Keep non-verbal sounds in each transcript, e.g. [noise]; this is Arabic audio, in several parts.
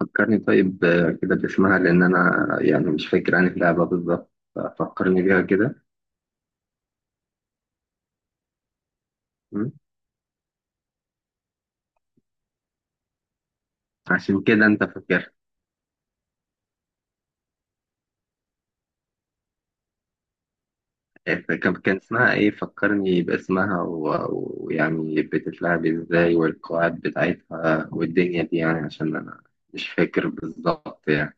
فكرني طيب، كده باسمها، لأن أنا يعني مش فاكر عن اللعبة بالظبط، ففكرني بيها كده. مم. عشان كده أنت فاكر. كان اسمها إيه؟ فكرني باسمها ويعني بتتلعب إزاي والقواعد بتاعتها والدنيا دي، يعني عشان أنا مش فاكر بالظبط يعني.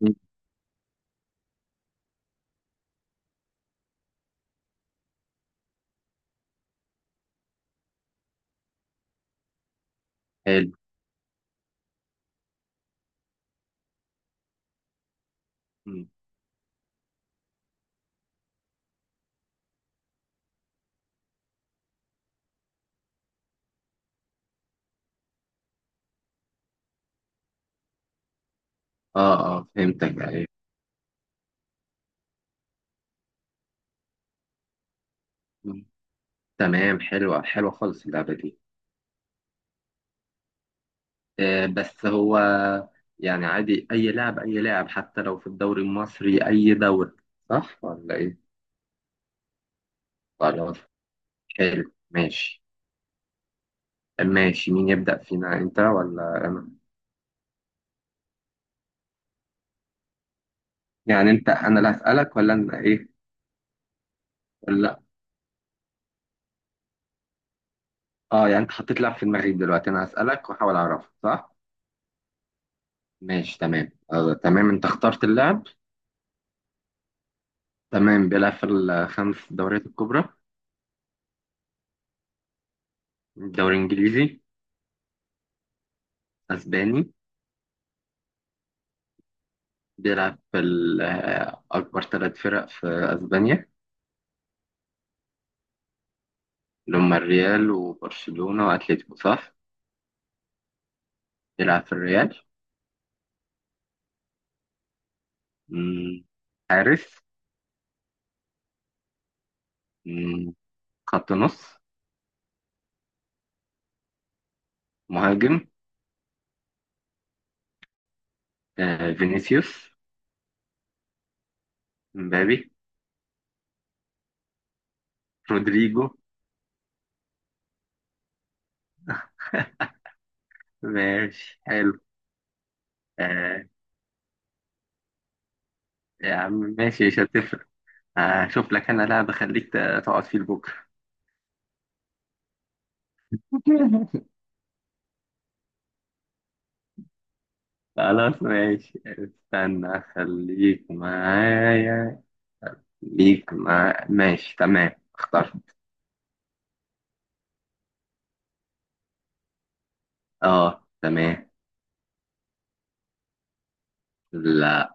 مم. حلو. مم. آه، آه، فهمتك. أيوه. مم. تمام، حلوة حلوة خالص اللعبة دي. بس هو يعني عادي، أي لاعب أي لاعب، حتى لو في الدوري المصري، أي دوري، صح ولا إيه؟ خلاص، حلو، ماشي. ماشي، مين يبدأ فينا، أنت ولا أنا؟ يعني أنت، أنا اللي هسألك ولا أنا، إيه؟ ولا، أه، يعني أنت حطيت لاعب في دماغي دلوقتي، أنا هسألك وأحاول أعرفه، صح؟ ماشي، تمام. تمام، أنت اخترت اللاعب. تمام، بيلعب في الخمس دوريات الكبرى. الدوري الإنجليزي؟ أسباني. بيلعب في أكبر ثلاث فرق في أسبانيا، اللي هما الريال وبرشلونة وأتلتيكو، صح؟ يلعب في الريال. مم. حارس؟ مم. خط نص؟ مهاجم؟ آه. فينيسيوس؟ مبابي؟ رودريجو؟ [laughs] ماشي، حلو. آه. يا عم، ماشي، مش هتفرق. هشوف لك أنا لاعب أخليك تقعد فيه لبكرة. [laughs] خلاص، ماشي، استنى، أخليك معايا. ليك مع ماشي، تمام. اختار. اه، تمام. لا.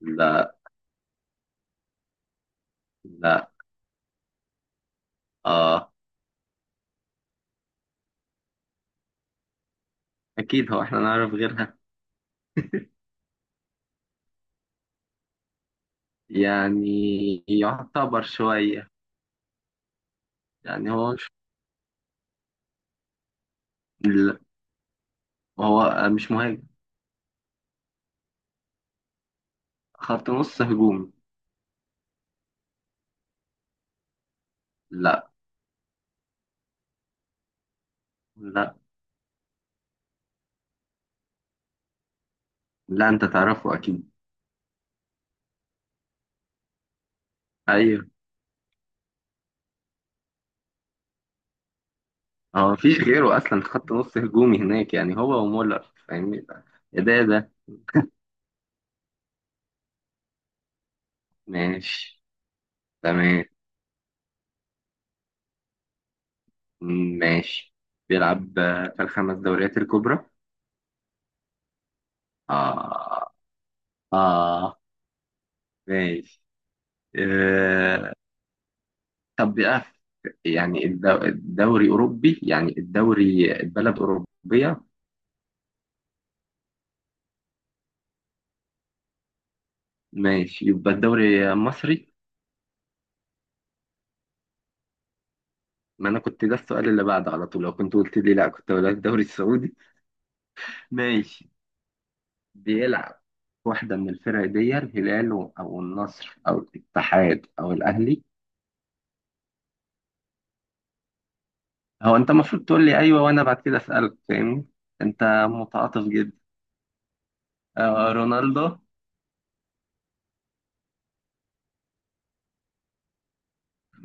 لا، لا، اه، اكيد هو احنا نعرف غيرها يعني. يعتبر شوية يعني. هو مش، لا، هو مش مهاجم. خط نص هجومي. لا. لا، لا، انت تعرفه اكيد. ايوه. هو مفيش غيره اصلا خط نص هجومي هناك، يعني هو ومولر، فاهمني. يا ده ده. ماشي، تمام. ماشي، بيلعب في الخمس دوريات الكبرى. اه. اه، ماشي. آه، طب بقى، يعني الدوري أوروبي، يعني الدوري البلد أوروبية. ماشي، يبقى الدوري مصري. ما أنا كنت ده السؤال اللي بعده على طول، لو كنت قلت لي لا كنت هقول لك الدوري السعودي. ماشي. بيلعب. واحدة من الفرق دي، الهلال أو النصر أو الاتحاد أو الأهلي. هو أنت المفروض تقول لي أيوه، وأنا بعد كده أسألك، فاهمني. أنت متعاطف جدا. آه، رونالدو؟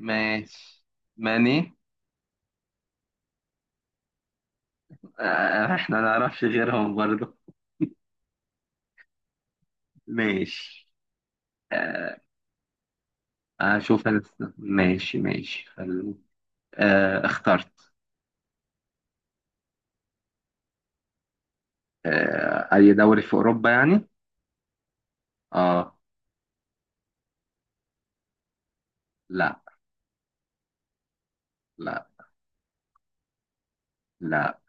ماشي. ماني؟ آه، إحنا ما نعرفش غيرهم برضه. ماشي. آه، أشوف أنا. ماشي، ماشي. خلو. اخترت. أي دوري في أوروبا يعني؟ آه. لا. لا، لا،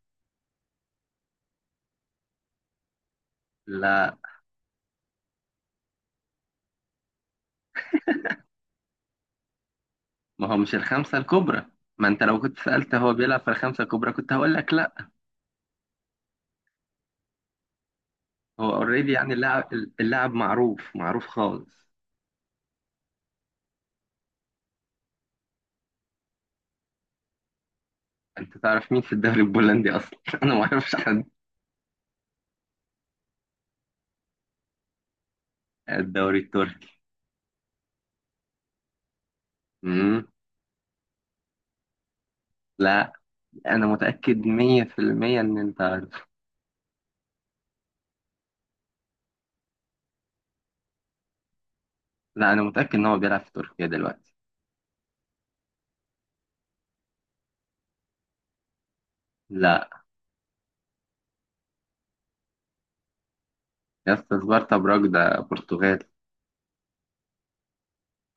لا. ما هو مش الخمسة الكبرى. ما أنت لو كنت سألت هو بيلعب في الخمسة الكبرى كنت هقول لك لا. هو أوريدي يعني اللاعب. اللاعب معروف، معروف خالص. أنت تعرف مين في الدوري البولندي أصلا؟ [laughs] أنا ما أعرفش حد. الدوري التركي. مم. لا، أنا متأكد 100% إن أنت عارف. لا، أنا متأكد إن هو بيلعب في تركيا دلوقتي. لا. يا اسطى، سبارتا براج ده برتغال.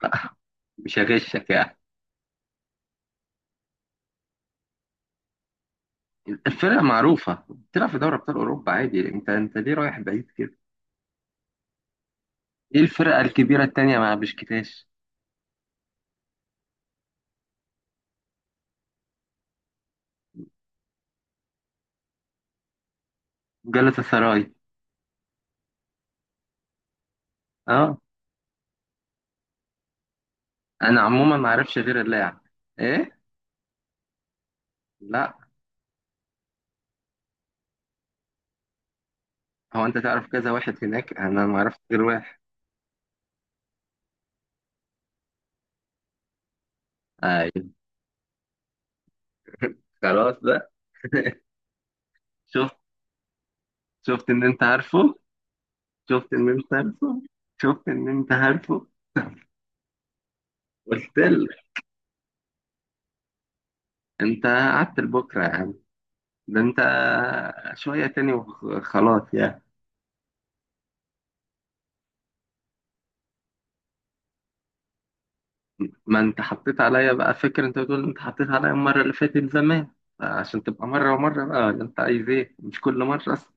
لا. [laughs] مش هغشك يعني. الفرقة معروفة، بتلعب في دوري أبطال أوروبا عادي، أنت ليه رايح بعيد كده؟ إيه الفرقة الكبيرة التانية مع بشكتاش؟ جلطة سراي. أه. أنا عموما ما أعرفش غير اللاعب. إيه؟ لا. هو أنت تعرف كذا واحد هناك، أنا ما أعرفش غير واحد. أيوة، خلاص بقى. [laughs] شفت. شفت إن أنت عارفه. شفت إن أنت عارفه. شفت إن أنت عارفه. قلت لك، أنت قعدت لبكرة. ده انت شوية تاني وخلاص يعني. ما انت حطيت عليا بقى فكرة، انت بتقول انت حطيت عليا المرة اللي فاتت زمان، عشان تبقى مرة ومرة بقى، ولا انت عايز ايه، مش كل مرة اصلا.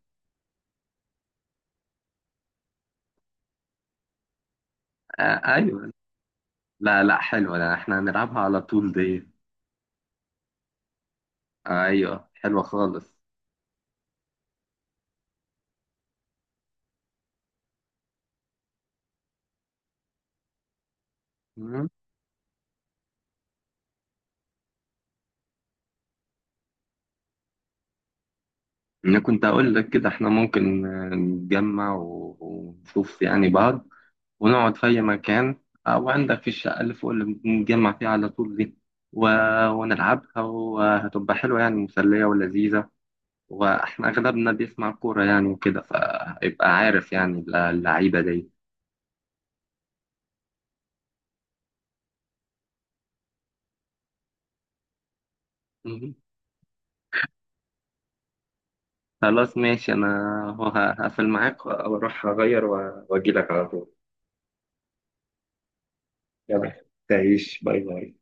آه، ايوه. لا، لا، حلوة، لا احنا هنلعبها على طول دي. آه، ايوه، حلوة خالص. مم. انا كنت اقول لك كده، احنا ممكن نتجمع ونشوف يعني بعض، ونقعد في أي مكان، أو عندك في الشقة اللي فوق اللي بنتجمع فيها على طول دي، و... ونلعبها وهتبقى حلوة يعني، مسلية ولذيذة. وإحنا أغلبنا بيسمع كورة يعني، وكده فيبقى عارف يعني اللعيبة دي. مهم. خلاص ماشي. أنا هو هقفل معاك وأروح أغير وأجيلك على طول. يلا تعيش، باي باي.